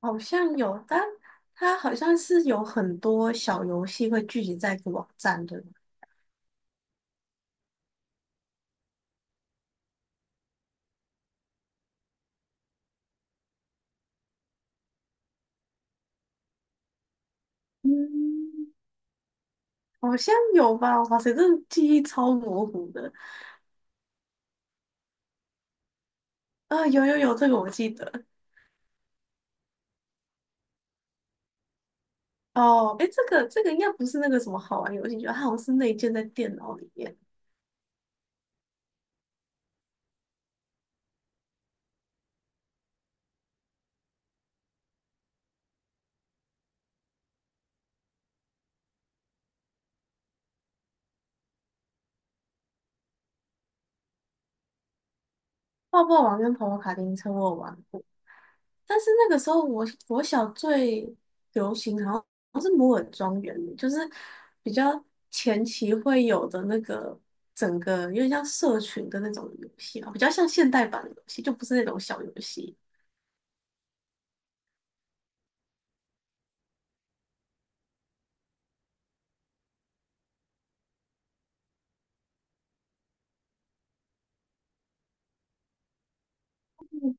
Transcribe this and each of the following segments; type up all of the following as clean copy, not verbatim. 好像有，但它好像是有很多小游戏会聚集在一个网站，对吗？嗯，好像有吧？哇塞，这记忆超模糊的。啊、有有有，这个我记得。哦，哎，这个应该不是那个什么好玩游戏，就它好像是内建在电脑里面。泡泡网跟跑跑卡丁车我有玩过，但是那个时候我小最流行好像是摩尔庄园，就是比较前期会有的那个整个有点像社群的那种游戏啊，比较像现代版的游戏，就不是那种小游戏。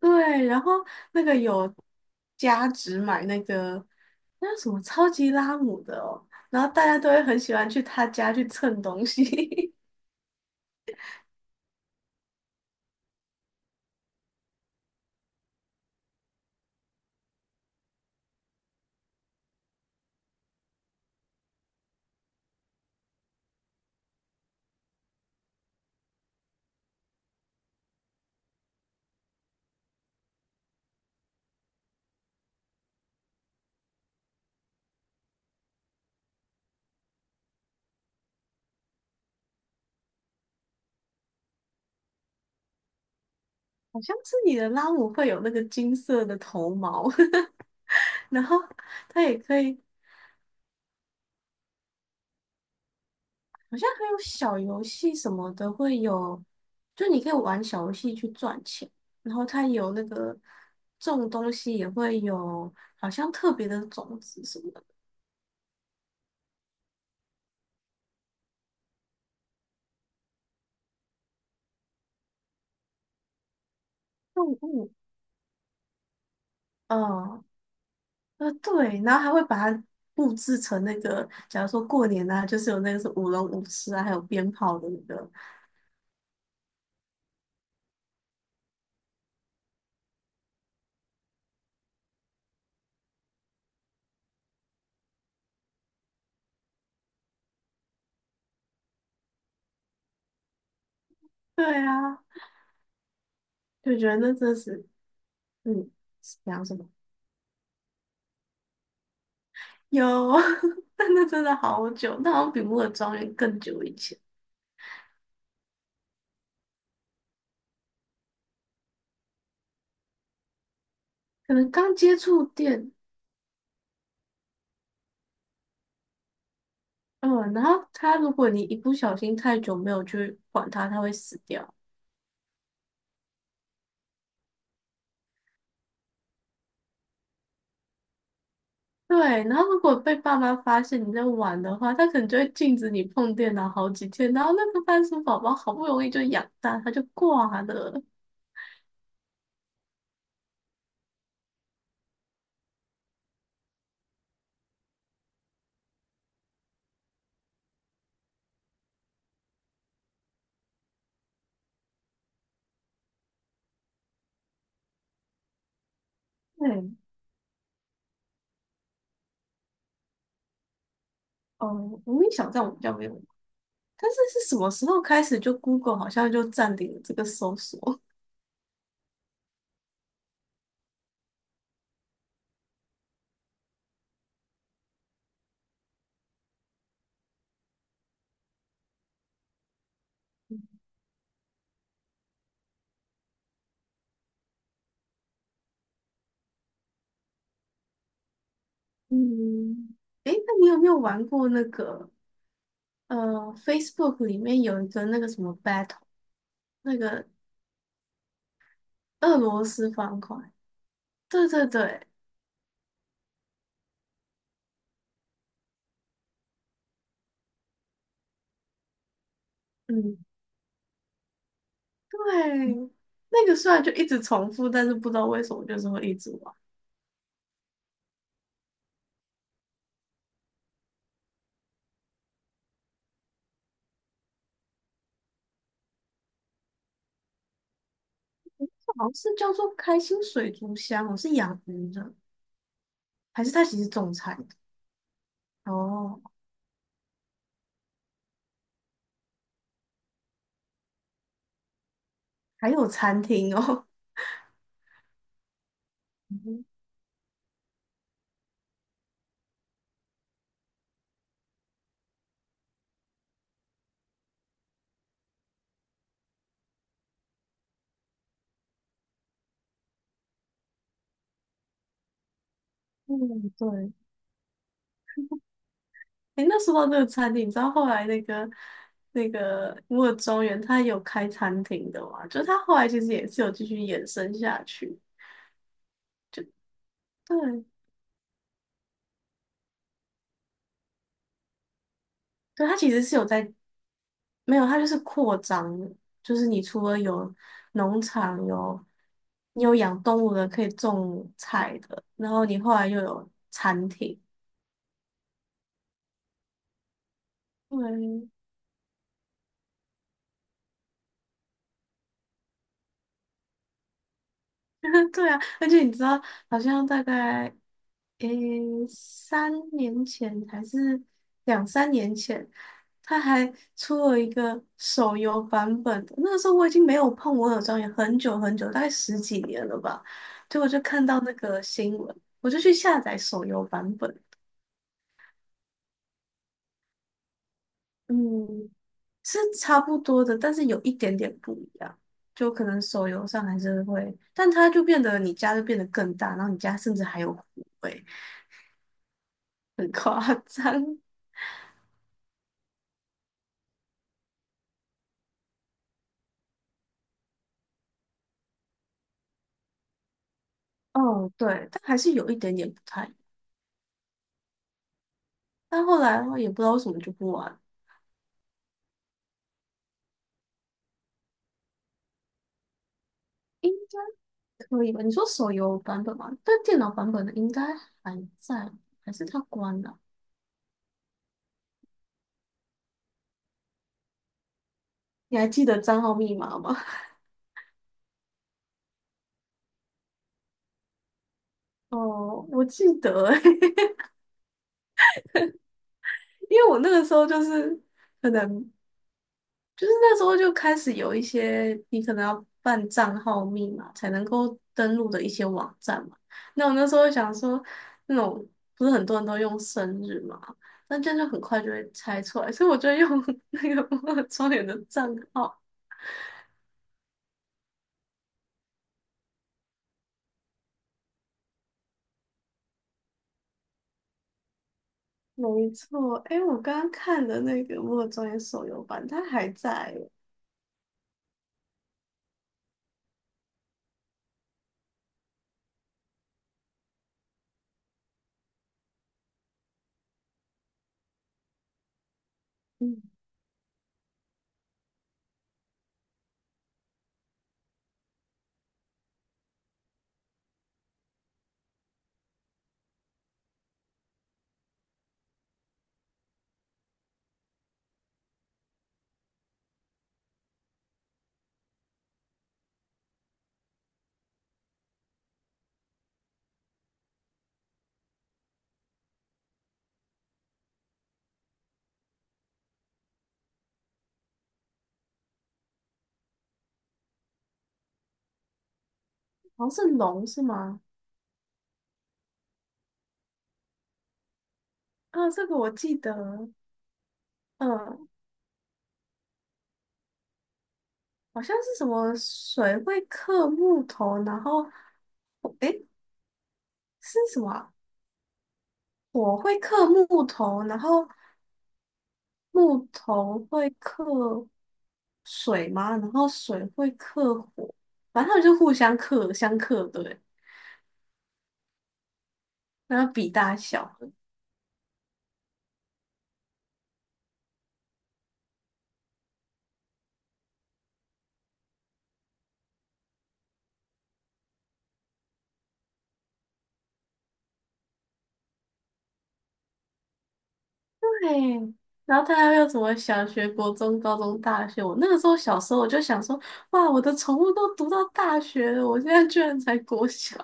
对，然后那个有加值买那个那叫什么超级拉姆的哦，然后大家都会很喜欢去他家去蹭东西。好像是你的拉姆会有那个金色的头毛，然后它也可以。好像还有小游戏什么的会有，就你可以玩小游戏去赚钱，然后它有那个种东西也会有，好像特别的种子什么的。动物，嗯，对，然后还会把它布置成那个，假如说过年啊，就是有那个是舞龙舞狮啊，还有鞭炮的那个。对啊，就觉得那真是，嗯，讲什么有，但那真的好久，那好像比《摩尔庄园》更久以前。可能刚接触电，嗯，然后他如果你一不小心太久没有去管它，它会死掉。对，然后如果被爸妈发现你在玩的话，他可能就会禁止你碰电脑好几天，然后那个番薯宝宝好不容易就养大，它就挂了。对，哦，我名小在我们家没有玩，但是是什么时候开始就 Google 好像就占领了这个搜索？嗯，诶，那你有没有玩过那个呃，Facebook 里面有一个那个什么 Battle，那个俄罗斯方块？对对对，嗯，对，那个虽然就一直重复，但是不知道为什么就是会一直玩。好像是叫做开心水族箱我是养鱼的，还是它其实种菜的？哦，还有餐厅哦。嗯嗯对。诶，那说到这个餐厅，你知道后来那个摩尔庄园它有开餐厅的嘛？就是它后来其实也是有继续延伸下去。对，对，它其实是有在没有，它就是扩张的就是你除了有农场，有你有养动物的，可以种菜的，然后你后来又有餐厅，对，对啊，而且你知道，好像大概诶三年前还是2、3年前，他还出了一个手游版本的那个时候我已经没有碰《我有庄园》很久很久，大概10几年了吧。结果就看到那个新闻，我就去下载手游版本。嗯，是差不多的，但是有一点点不一样。就可能手游上还是会，但它就变得你家就变得更大，然后你家甚至还有湖。很夸张。哦，对，但还是有一点点不太一样。但后来的话也不知道为什么就不玩，应该可以吧？你说手游版本吗？但电脑版本的应该还在，还是它关了？你还记得账号密码吗？哦，我记得欸，因为我那个时候就是可能就是那时候就开始有一些你可能要办账号密码才能够登录的一些网站嘛。那我那时候想说，那种不是很多人都用生日嘛，那这样就很快就会猜出来，所以我就用 那个摩尔庄园的账号。没错，哎，我刚刚看的那个摩尔庄园手游版，它还在耶。嗯，好像是龙是吗？啊，这个我记得，嗯，好像是什么水会克木头，然后。哎，是什么啊？火会克木头，然后木头会克水吗？然后水会克火，反正他们就互相克，相克对，然后比大小，对。然后大家又什么小学、国中、高中、大学？我那个时候小时候我就想说，哇，我的宠物都读到大学了，我现在居然才国小，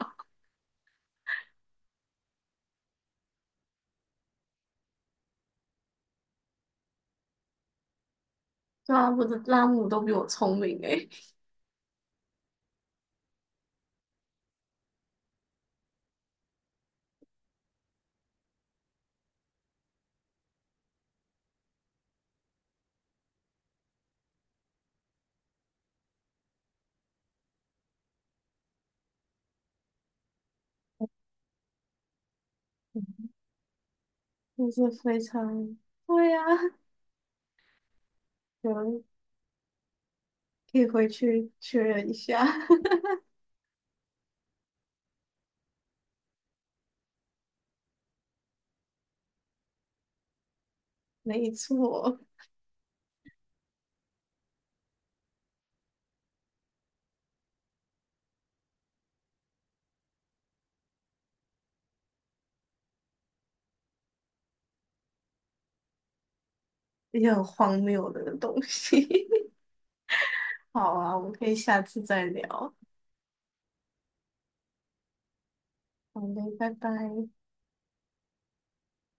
对啊，我的拉姆都比我聪明诶、就是非常，对啊，有可以回去确认一下。没错，一些很荒谬的东西。好啊，我们可以下次再聊。好嘞，拜拜。